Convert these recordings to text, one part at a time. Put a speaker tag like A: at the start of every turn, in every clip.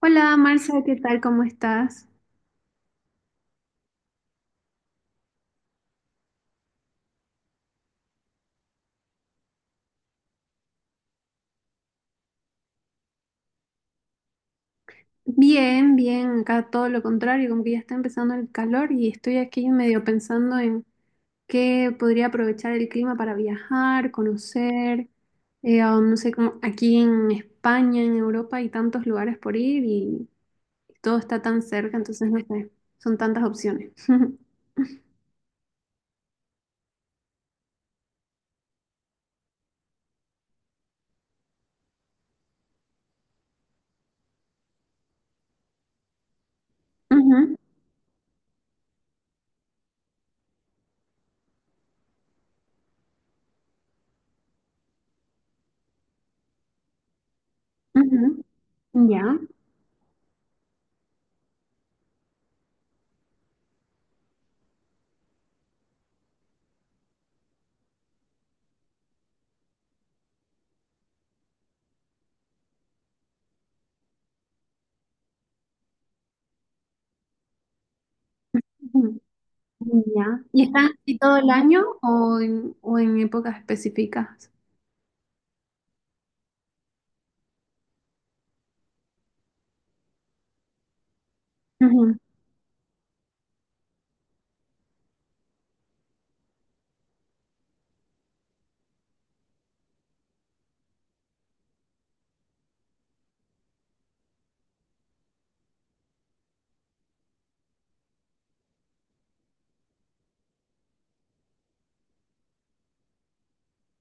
A: Hola Marcia, ¿qué tal? ¿Cómo estás? Bien, bien, acá todo lo contrario, como que ya está empezando el calor y estoy aquí medio pensando en qué podría aprovechar el clima para viajar, conocer, no sé, como aquí en España, en Europa hay tantos lugares por ir y todo está tan cerca, entonces no sé, son tantas opciones. Ujú, ujú, ya, ujú, ya. ¿Y están así todo el año o o en épocas específicas?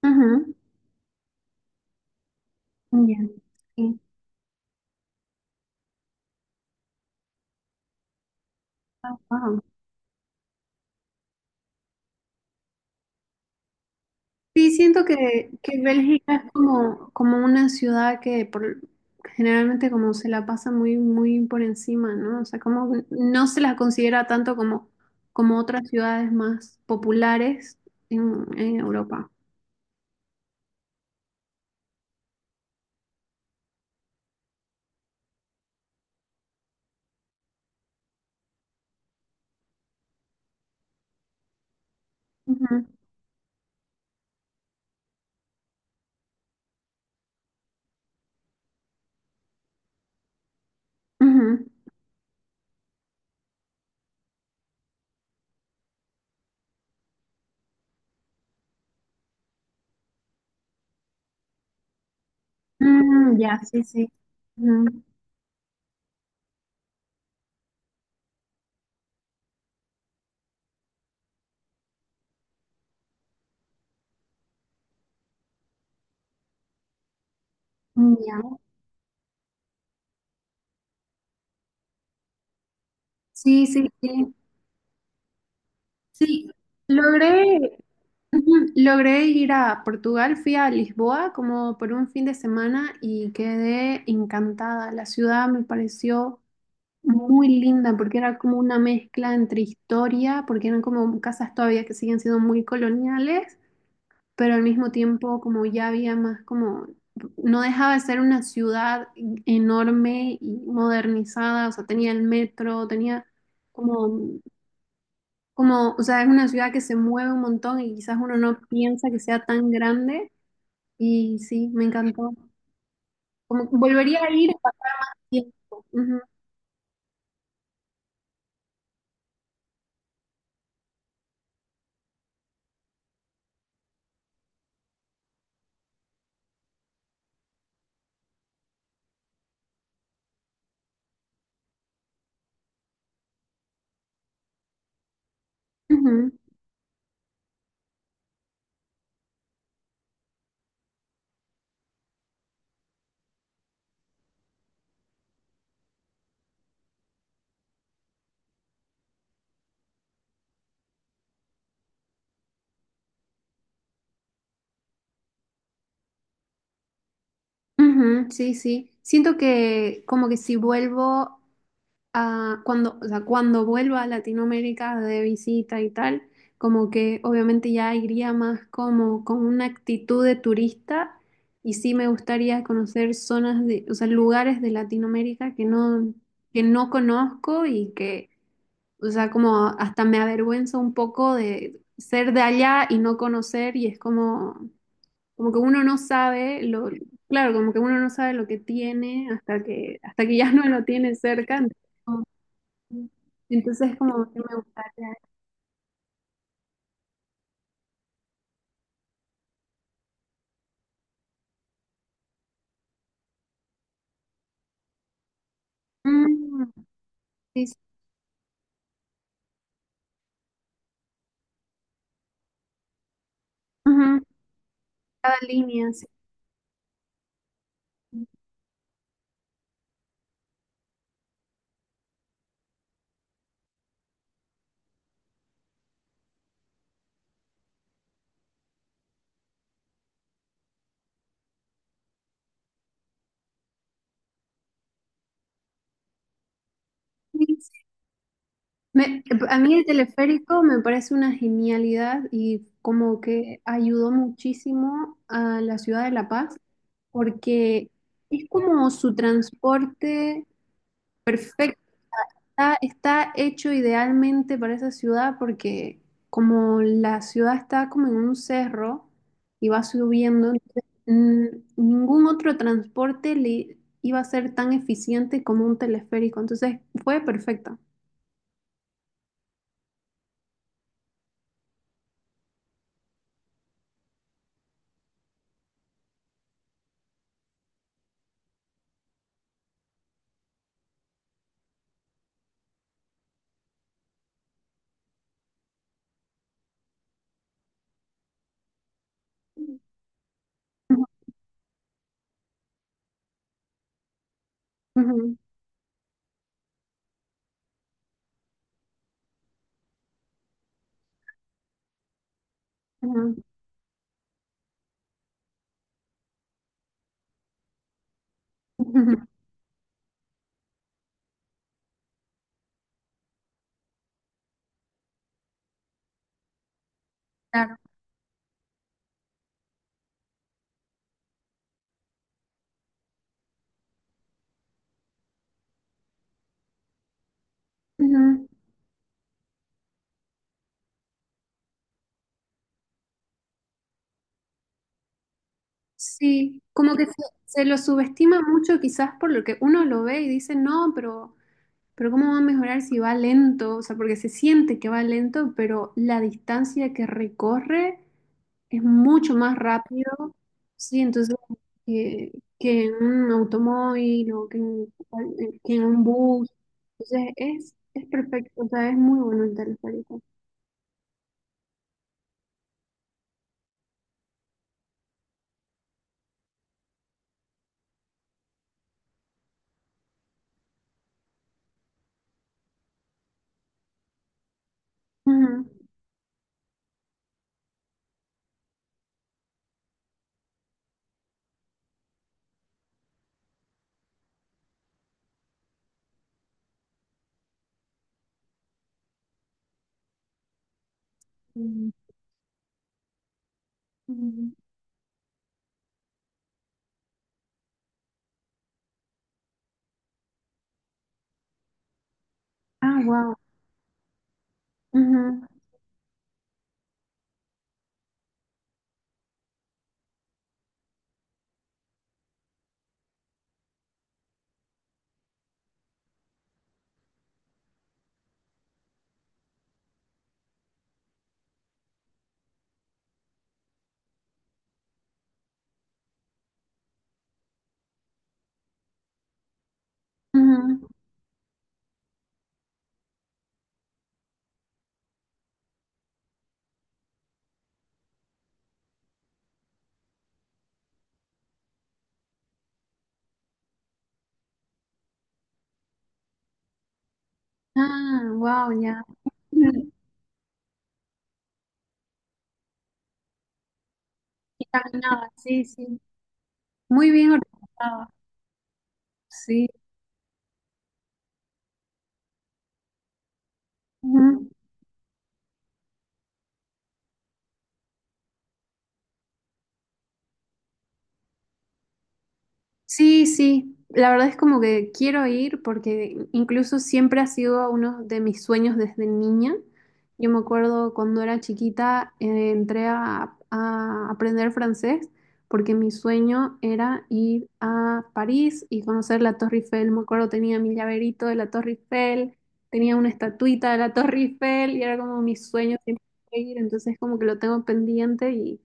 A: Ujú, ya. Sí. Ah, wow. Sí, siento que Bélgica es como, como una ciudad que generalmente como se la pasa muy, muy por encima, ¿no? O sea, como no se la considera tanto como, como otras ciudades más populares en Europa. Ujú, ujú. Mm, ya, sí, sí. Ujú, mm, ya. Sí, sí, sí. Sí, logré, ujú. Logré ir a Portugal, fui a Lisboa como por un fin de semana y quedé encantada. La ciudad me pareció muy linda porque era como una mezcla entre historia, porque eran como casas todavía que siguen siendo muy coloniales, pero al mismo tiempo como ya había más como, no dejaba de ser una ciudad enorme y modernizada, o sea, tenía el metro, Como como, o sea, es una ciudad que se mueve un montón y quizás uno no piensa que sea tan grande. Y sí, me encantó. Como que volvería a ir para tiempo. Ujú, ujú, ujú, sí, sí. Siento que como que si vuelvo o sea, cuando vuelva a Latinoamérica de visita y tal, como que obviamente ya iría más como con una actitud de turista y sí me gustaría conocer zonas de, o sea, lugares de Latinoamérica que no conozco y que, o sea, como hasta me avergüenza un poco de ser de allá y no conocer y es como, como que uno no sabe lo, claro, como que uno no sabe lo que tiene hasta que ya no lo tiene cerca. Entonces, como que me gustaría. Mm, sí, sí. Ujú, cada línea, sí. Sí, sí. Me- a mí el teleférico me parece una genialidad y como que ayudó muchísimo a la ciudad de La Paz porque es como su transporte perfecto. Está hecho idealmente para esa ciudad porque como la ciudad está como en un cerro y va subiendo, entonces, ningún otro transporte le iba a ser tan eficiente como un teleférico. Entonces fue perfecto. Ujú, ujú, ujú, ujú, claro. Ujú. Sí, como que se lo subestima mucho quizás por lo que uno lo ve y dice, no, Pero ¿cómo va a mejorar si va lento? O sea, porque se siente que va lento, pero la distancia que recorre es mucho más rápido. Sí, entonces que, que en un automóvil o que en un bus. Entonces es perfecto, o sea, es muy bueno el teleférico. Ujú. Mm, mm. Ah, wow. Ujú, ujú. Ah, wow, ya. Ujú. Y caminaba, sí, sí. Muy bien organizado. Sí. Ujú. Sí, sí, la verdad es como que quiero ir porque incluso siempre ha sido uno de mis sueños desde niña. Yo me acuerdo cuando era chiquita, entré a aprender francés porque mi sueño era ir a París y conocer la Torre Eiffel. Me acuerdo tenía mi llaverito de la Torre Eiffel, tenía una estatuita de la Torre Eiffel y era como mi sueño siempre ir, entonces como que lo tengo pendiente y.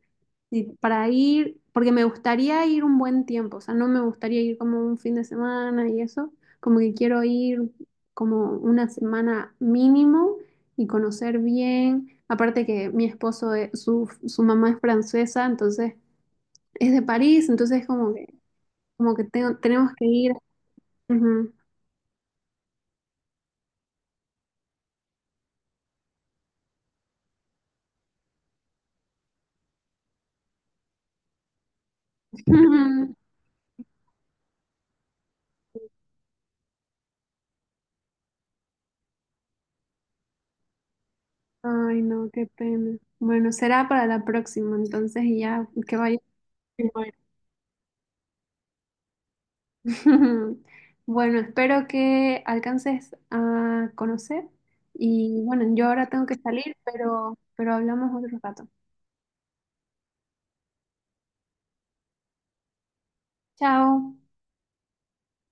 A: Sí, para ir, porque me gustaría ir un buen tiempo, o sea, no me gustaría ir como un fin de semana y eso, como que quiero ir como una semana mínimo y conocer bien. Aparte que mi esposo, su mamá es francesa, entonces es de París, entonces como que tenemos que ir. Ujú. Ay, no, qué pena. Bueno, será para la próxima, entonces y ya que vaya. Bueno, espero que alcances a conocer y bueno, yo ahora tengo que salir, pero hablamos otro rato. Chao.